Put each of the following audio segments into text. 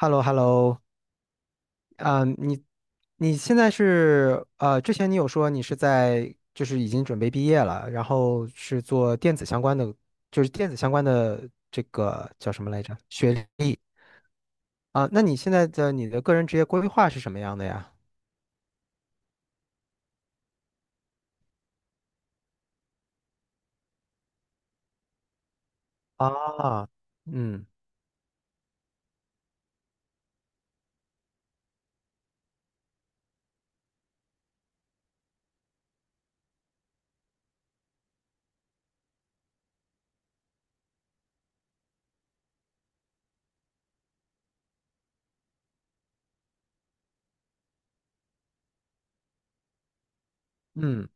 h e l l o h e l l o。 啊，你现在是之前你有说你是在就是已经准备毕业了，然后是做电子相关的，就是电子相关的这个叫什么来着？学历啊，那你的个人职业规划是什么样的呀？啊，嗯嗯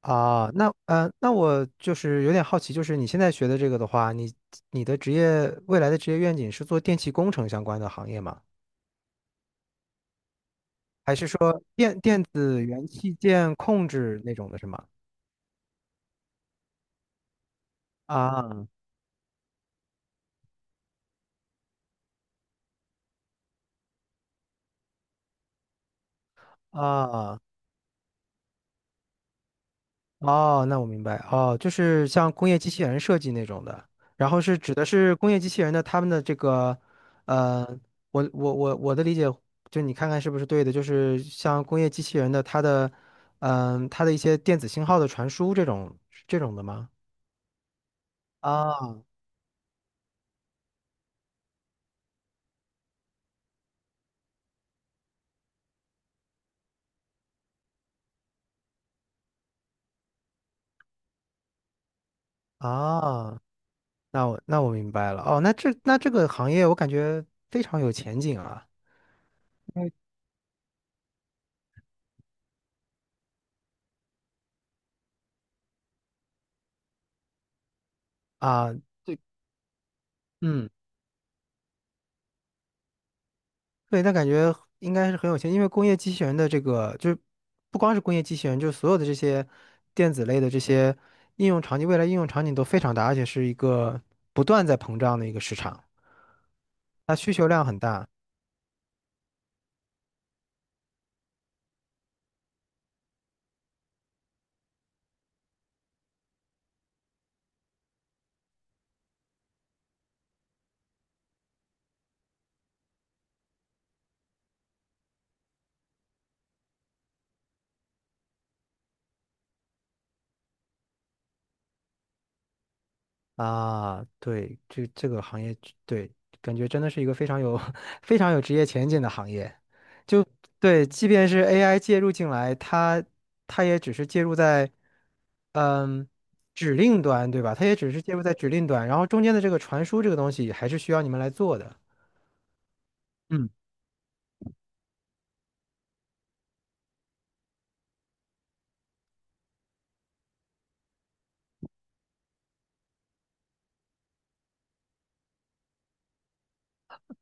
啊，那我就是有点好奇，就是你现在学的这个的话，你的未来的职业愿景是做电气工程相关的行业吗？还是说电子元器件控制那种的是吗？啊啊哦，那我明白哦，就是像工业机器人设计那种的，然后是指的是工业机器人的他们的这个，呃，我的理解，就你看看是不是对的，就是像工业机器人的它的，它的一些电子信号的传输这种的吗？啊啊，那我明白了哦，那这个行业我感觉非常有前景啊。啊，对，嗯，对，那感觉应该是很有钱，因为工业机器人的这个就是不光是工业机器人，就是所有的这些电子类的这些应用场景，未来应用场景都非常大，而且是一个不断在膨胀的一个市场，它需求量很大。啊，对，这个行业，对，感觉真的是一个非常有 非常有职业前景的行业。就对，即便是 AI 介入进来，它也只是介入在嗯指令端，对吧？它也只是介入在指令端，然后中间的这个传输这个东西还是需要你们来做的。嗯，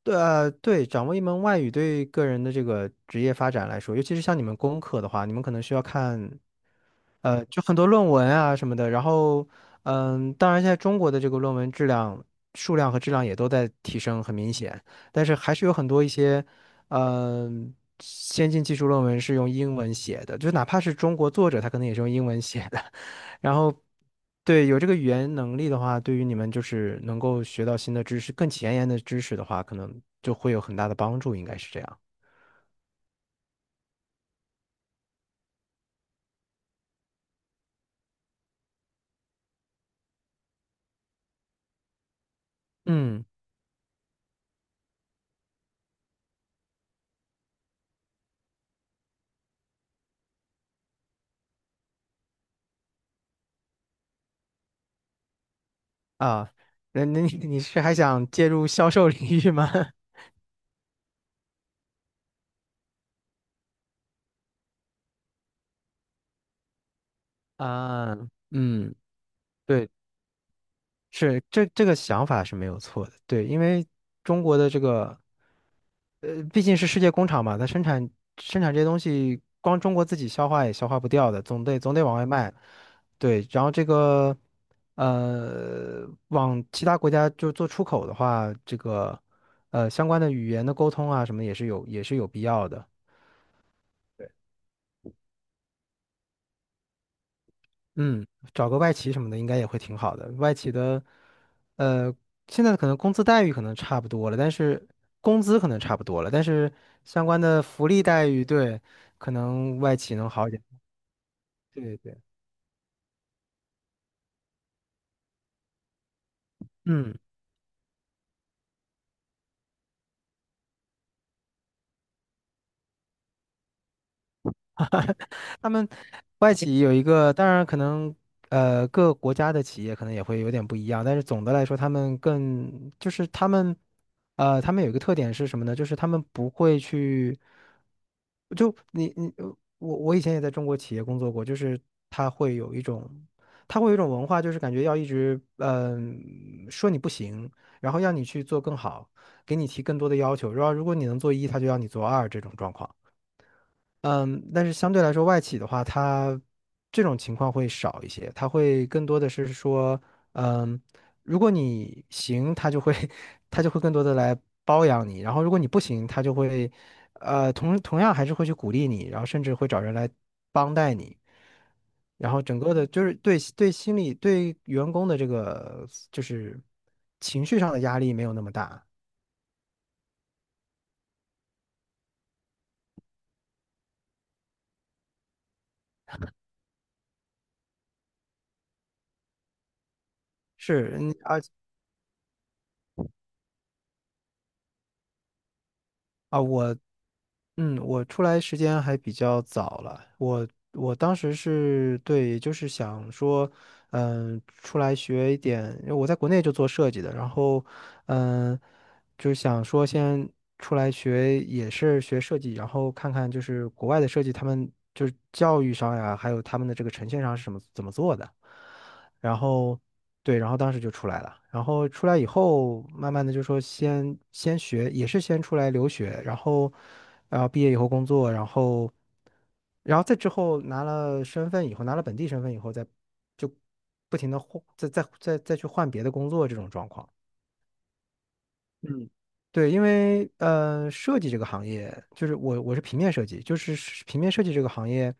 对，对，掌握一门外语对个人的这个职业发展来说，尤其是像你们工科的话，你们可能需要看。就很多论文啊什么的，然后，当然现在中国的这个论文质量、数量和质量也都在提升，很明显，但是还是有很多一些，嗯、先进技术论文是用英文写的，就哪怕是中国作者，他可能也是用英文写的。然后，对，有这个语言能力的话，对于你们就是能够学到新的知识、更前沿的知识的话，可能就会有很大的帮助，应该是这样。嗯啊，那你是还想介入销售领域吗？啊，嗯，对，是这个想法是没有错的，对，因为中国的这个，毕竟是世界工厂嘛，它生产这些东西，光中国自己消化也消化不掉的，总得往外卖，对，然后这个，往其他国家就做出口的话，这个，相关的语言的沟通啊什么也是有必要的。嗯，找个外企什么的应该也会挺好的。外企的，呃，现在可能工资待遇可能差不多了，但是工资可能差不多了，但是相关的福利待遇，对，可能外企能好一点。对对，嗯。他们外企有一个，当然可能各国家的企业可能也会有点不一样，但是总的来说，他们更就是他们呃他们有一个特点是什么呢？就是他们不会去就你你呃我我以前也在中国企业工作过，就是他会有一种他会有一种文化，就是感觉要一直说你不行，然后要你去做更好，给你提更多的要求，然后如果你能做一，他就要你做二这种状况。嗯，但是相对来说，外企的话，它这种情况会少一些，它会更多的是说，嗯，如果你行，他就会 他就会更多的来包养你，然后如果你不行，他就会，同样还是会去鼓励你，然后甚至会找人来帮带你，然后整个的就是对对心理对员工的这个就是情绪上的压力没有那么大，是嗯啊啊，我出来时间还比较早了，我当时是对，也就是想说，出来学一点，因为我在国内就做设计的，然后，嗯，就是想说先出来学，也是学，设计，然后看看就是国外的设计，他们就是教育上呀，还有他们的这个呈现上是什么怎么做的。然后对，然后当时就出来了。然后出来以后，慢慢的就说先学，也是先出来留学，然后毕业以后工作，然后再之后拿了身份以后，拿了本地身份以后，再就不停的换，再去换别的工作这种状况。对，因为设计这个行业，就是我是平面设计，就是平面设计这个行业，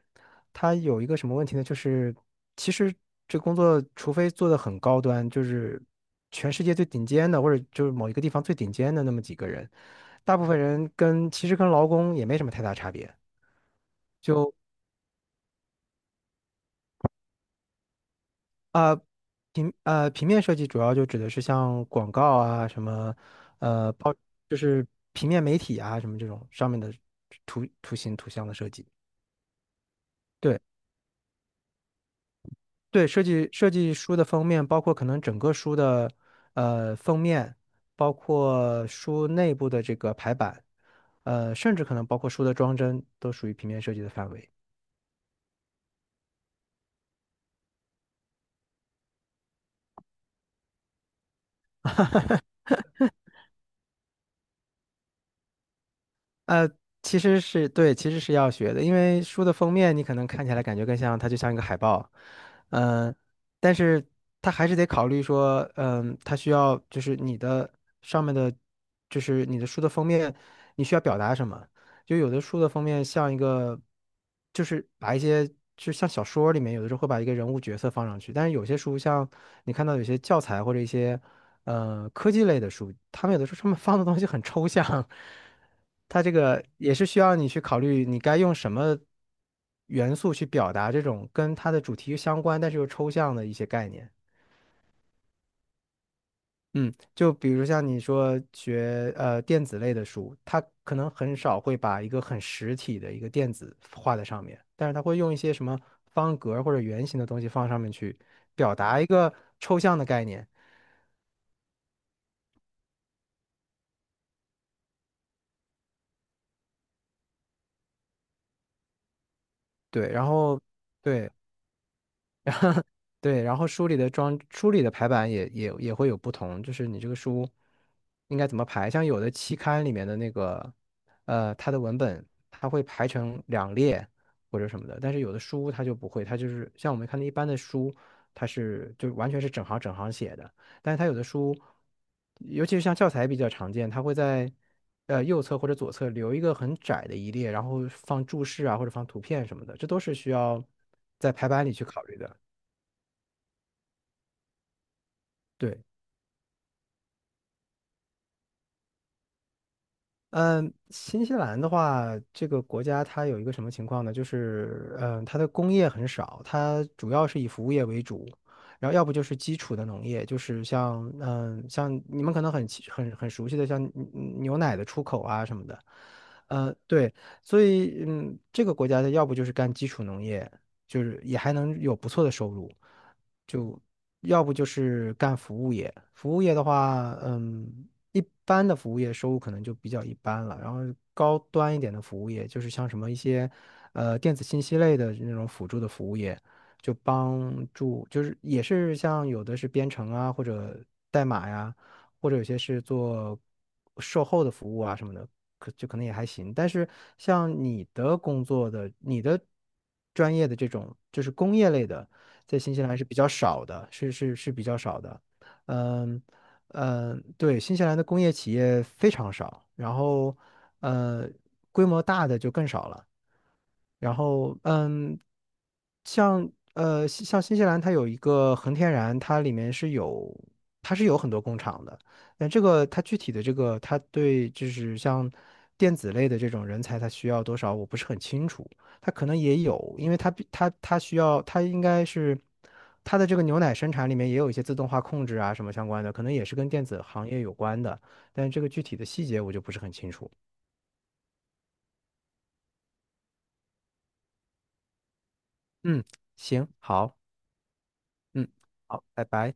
它有一个什么问题呢？就是其实这工作，除非做的很高端，就是全世界最顶尖的，或者就是某一个地方最顶尖的那么几个人，大部分人跟其实跟劳工也没什么太大差别。就啊、呃平呃平面设计主要就指的是像广告啊什么，呃报就是平面媒体啊什么这种上面的图形图像的设计。对对，设计书的封面，包括可能整个书的封面，包括书内部的这个排版，甚至可能包括书的装帧，都属于平面设计的范围。呃，其实是对，其实是要学的，因为书的封面你可能看起来感觉更像，它就像一个海报，嗯、但是它还是得考虑说，它需要就是你的上面的，就是你的书的封面，你需要表达什么？就有的书的封面像一个，就是把一些就像小说里面有的时候会把一个人物角色放上去，但是有些书像你看到有些教材或者一些。科技类的书，他们有的时候他们放的东西很抽象，它这个也是需要你去考虑你该用什么元素去表达这种跟它的主题相关但是又抽象的一些概念。嗯，就比如像你说学电子类的书，它可能很少会把一个很实体的一个电子画在上面，但是它会用一些什么方格或者圆形的东西放上面去表达一个抽象的概念。对，然后。对，对，然后书里的排版也会有不同，就是你这个书应该怎么排。像有的期刊里面的那个，它的文本它会排成两列或者什么的，但是有的书它就不会，它就是像我们看的一般的书，它是就完全是整行整行写的。但是它有的书，尤其是像教材比较常见，它会在右侧或者左侧留一个很窄的一列，然后放注释啊或者放图片什么的，这都是需要在排版里去考虑的。对。嗯，新西兰的话，这个国家它有一个什么情况呢？就是，它的工业很少，它主要是以服务业为主，然后要不就是基础的农业，就是像，像你们可能很清很很熟悉的，像牛奶的出口啊什么的，对，所以，这个国家的要不就是干基础农业，就是也还能有不错的收入，就要不就是干服务业，服务业的话，一般的服务业收入可能就比较一般了，然后高端一点的服务业，就是像什么一些，电子信息类的那种辅助的服务业，就帮助，就是也是像有的是编程啊或者代码呀。或者有些是做售后的服务啊什么的，可能也还行。但是像你的工作的、你的专业的这种，就是工业类的，在新西兰是比较少的，是比较少的。嗯嗯，对，新西兰的工业企业非常少，然后呃，规模大的就更少了。然后，像新西兰，它有一个恒天然，它里面是有，它是有很多工厂的。但这个它具体的这个，它对就是像电子类的这种人才，它需要多少，我不是很清楚。它可能也有，因为它需要，它应该是它的这个牛奶生产里面也有一些自动化控制啊什么相关的，可能也是跟电子行业有关的。但这个具体的细节我就不是很清楚。嗯，行，好，嗯，好，拜拜。